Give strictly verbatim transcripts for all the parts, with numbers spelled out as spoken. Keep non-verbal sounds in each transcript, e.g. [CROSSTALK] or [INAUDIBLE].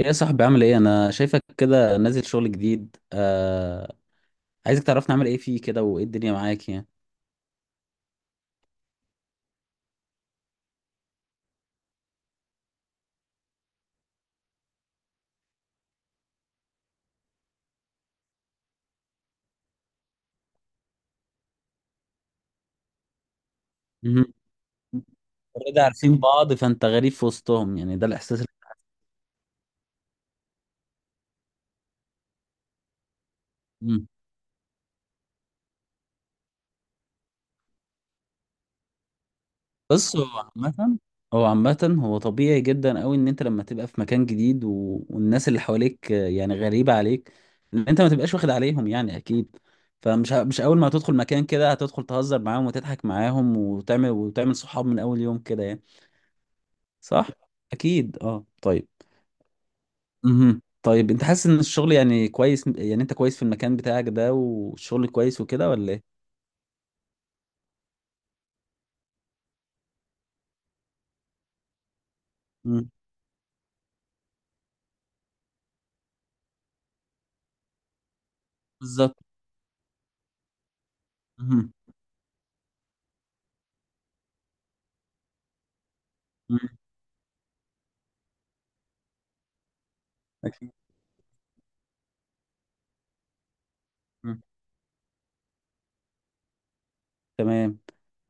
ايه يا صاحبي؟ عامل ايه؟ انا شايفك كده نازل شغل جديد آه... عايزك تعرفنا عامل ايه فيه كده، وايه الدنيا معاك يعني. مهم. اوريدي عارفين بعض فانت غريب في وسطهم، يعني ده الاحساس اللي- مم. بص، هو عامة هو عامة هو طبيعي جدا قوي ان انت لما تبقى في مكان جديد و... والناس اللي حواليك آه، يعني غريبة عليك، لان انت ما تبقاش واخد عليهم، يعني اكيد. فمش ه... مش اول ما هتدخل مكان كده هتدخل تهزر معاهم وتضحك معاهم وتعمل وتعمل صحاب من اول يوم كده يعني. صح، اكيد. اه، طيب. مهم. طيب انت حاسس ان الشغل يعني كويس، يعني انت كويس في المكان بتاعك ده، والشغل كويس وكده، ولا ايه؟ مم. بالظبط. مهم. مم. أكيد. مم. تمام.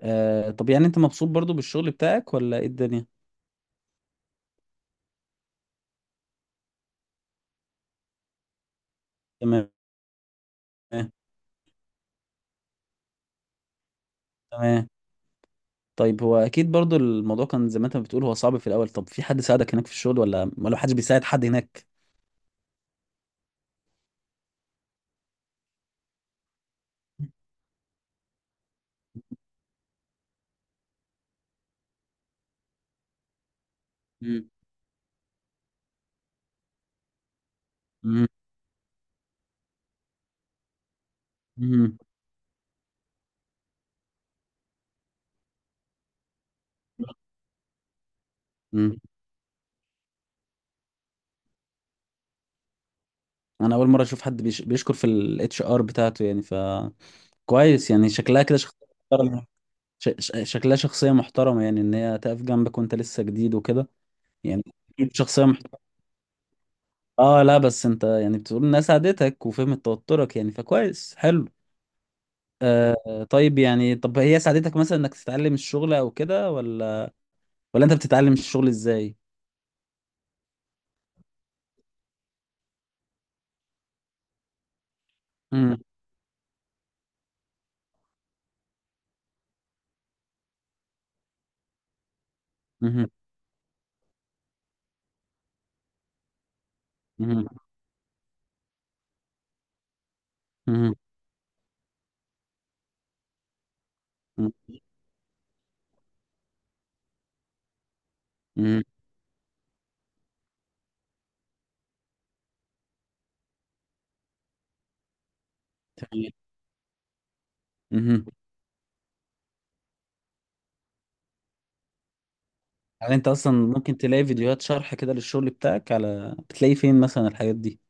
آه، طب يعني انت مبسوط برضو بالشغل بتاعك ولا ايه الدنيا؟ تمام. تمام. طيب، هو اكيد برضو الموضوع كان زي ما انت بتقول، هو صعب في الاول. طب في حد ساعدك هناك في الشغل، ولا ولا محدش بيساعد حد هناك؟ مم. مم. مم. مم. انا اول مره اشوف حد بيش... بيشكر في الاتش ار بتاعته، يعني فكويس. يعني شكلها كده شخصيه. ش... ش... شكلها شخصية محترمة، يعني ان هي تقف جنبك وانت لسه جديد وكده، يعني. أكيد شخصية محترمة. اه، لا بس انت يعني بتقول انها ساعدتك وفهمت توترك، يعني فكويس، حلو. آه، طيب، يعني طب هي ساعدتك مثلا انك تتعلم الشغل او كده، ولا ولا انت بتتعلم الشغل ازاي؟ مم. مهم. مهم. مهم. مهم. مهم. تمام. مهم. يعني انت اصلا ممكن تلاقي فيديوهات شرح كده للشغل بتاعك على بتلاقي فين مثلا الحاجات دي؟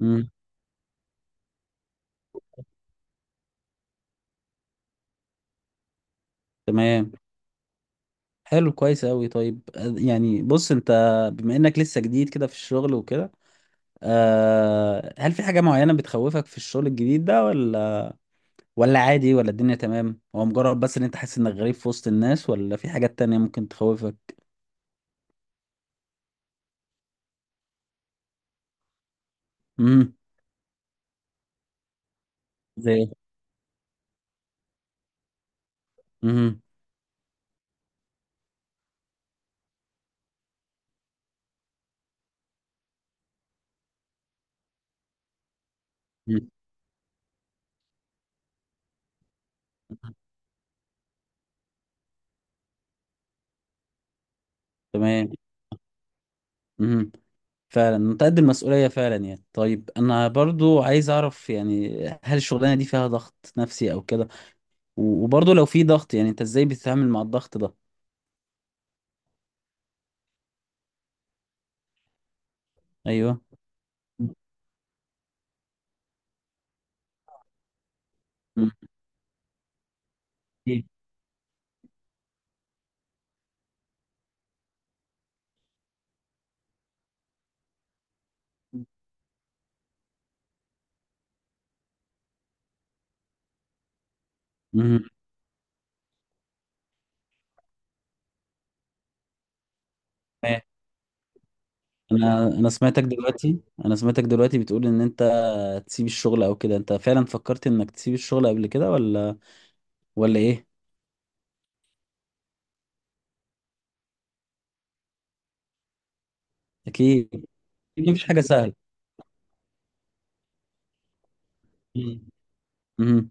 مم. تمام. حلو، كويس أوي. طيب، آه، يعني بص، انت بما انك لسه جديد كده في الشغل وكده، أه، هل في حاجة معينة بتخوفك في الشغل الجديد ده، ولا ولا عادي، ولا الدنيا تمام، هو مجرد بس ان انت حاسس انك غريب في وسط الناس، ولا في حاجات تانية ممكن تخوفك؟ امم زي ايه؟ امم. أمم. تمام. امم. فعلا انت قد المسؤولية فعلا، يعني طيب، انا برضو عايز اعرف، يعني هل الشغلانة دي فيها ضغط نفسي او كده؟ و- وبرضو لو في ضغط، يعني انت ازاي بتتعامل مع الضغط ده؟ ايوه. مم. مم. تمام. انا انا سمعتك دلوقتي انا سمعتك دلوقتي بتقول ان انت تسيب الشغل او كده. انت فعلا فكرت انك تسيب الشغل قبل كده، ولا ولا ايه؟ اكيد. أكيد مفيش حاجه سهله. مم. مم.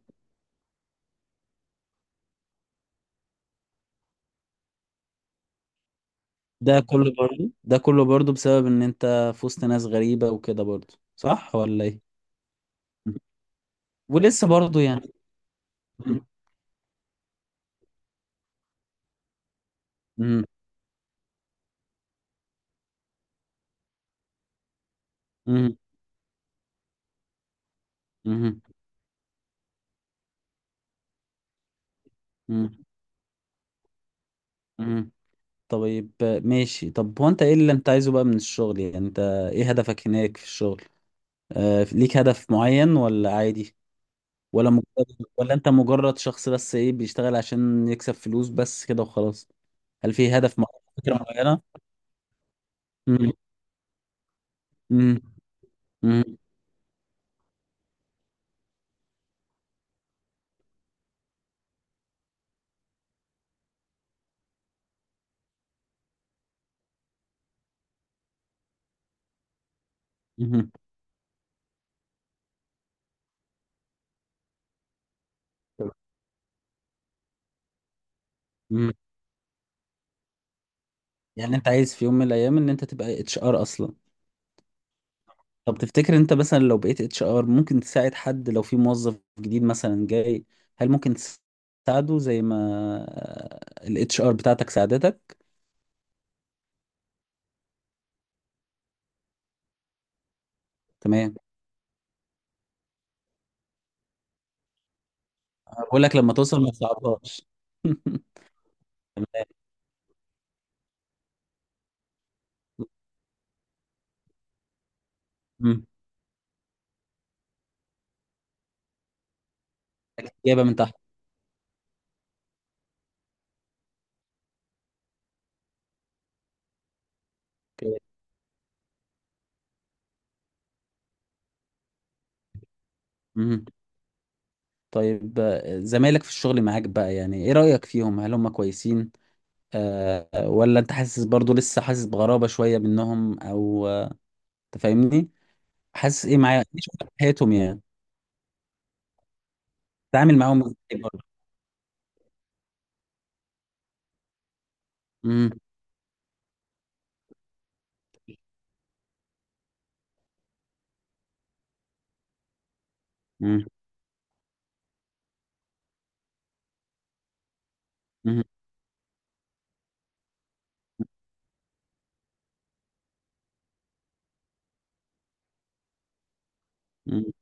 ده كله برضو ده كله برضو بسبب ان انت في وسط ناس غريبه وكده، برضو صح ولا ايه؟ مم. ولسه برضو يعني. مم. مم. مم. مم. مم. مم. طيب، ماشي. طب هو انت ايه اللي انت عايزه بقى من الشغل؟ يعني انت ايه هدفك هناك في الشغل؟ آه، ليك هدف معين ولا عادي، ولا مجرد ولا انت مجرد شخص بس ايه بيشتغل عشان يكسب فلوس بس كده وخلاص؟ هل في هدف معين، فكرة معينة؟ مم. مم. مم. مم. مم. يعني انت عايز في يوم من الايام ان انت تبقى اتش ار اصلا. طب تفتكر انت مثلا لو بقيت اتش ار، ممكن تساعد حد لو في موظف جديد مثلا جاي؟ هل ممكن تساعده زي ما الاتش ار بتاعتك ساعدتك؟ تمام. بقول لك لما توصل ما تصعبهاش. [LAUGHS] تمام. جايبه من تحت. اوكي. مهم. طيب، آه، زمايلك في الشغل معاك بقى، يعني ايه رأيك فيهم؟ هل هم كويسين، آه ولا انت حاسس برضو لسه حاسس بغرابة شوية منهم، او آه، أنت فاهمني؟ حاسس ايه معايا، ايه شغل حياتهم يعني؟ تعامل معاهم ازاي برضو؟ مهم. مهم. مهم. مهم.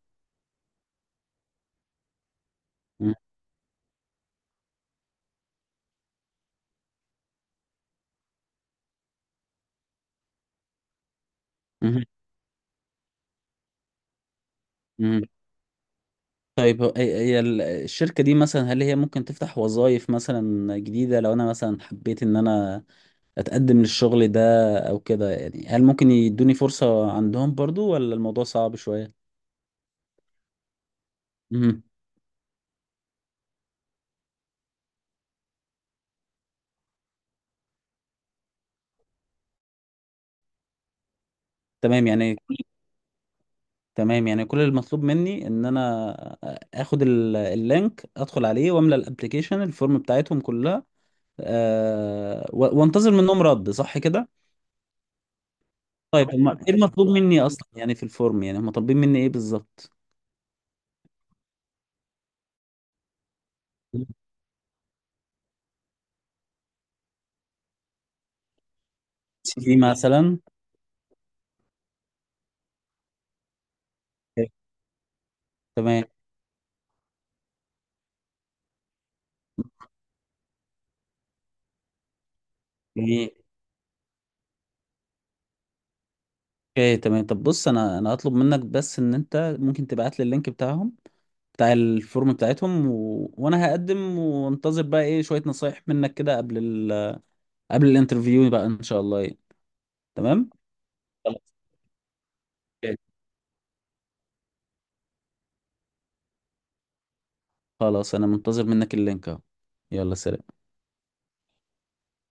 مهم. مهم. طيب، هو- هي هي ال- الشركة دي مثلا، هل هي ممكن تفتح وظائف مثلا جديدة لو انا مثلا حبيت ان انا اتقدم للشغل ده او كده؟ يعني هل ممكن يدوني فرصة عندهم برضو، ولا الموضوع صعب شوية؟ امم. تمام يعني كل- تمام، يعني كل المطلوب مني ان انا اخد ال- اللينك، ادخل عليه، واملى الابليكيشن، الفورم بتاعتهم كلها، أه، و- وانتظر منهم رد، صح كده؟ طيب هم ايه المطلوب مني اصلا يعني في الفورم؟ يعني هم طالبين مني ايه بالظبط؟ سي في مثلا؟ أوكي. تمام. جميل. اوكي، تمام. طب بص، انا انا هطلب منك بس ان انت ممكن تبعت لي اللينك بتاعهم، بتاع الفورم بتاعتهم، و... وانا هقدم وانتظر بقى ايه شوية نصايح منك كده قبل ال... قبل الانترفيو بقى ان شاء الله يعني. تمام. خلاص. أوكي. خلاص، انا منتظر منك اللينك اهو. يلا، سلام.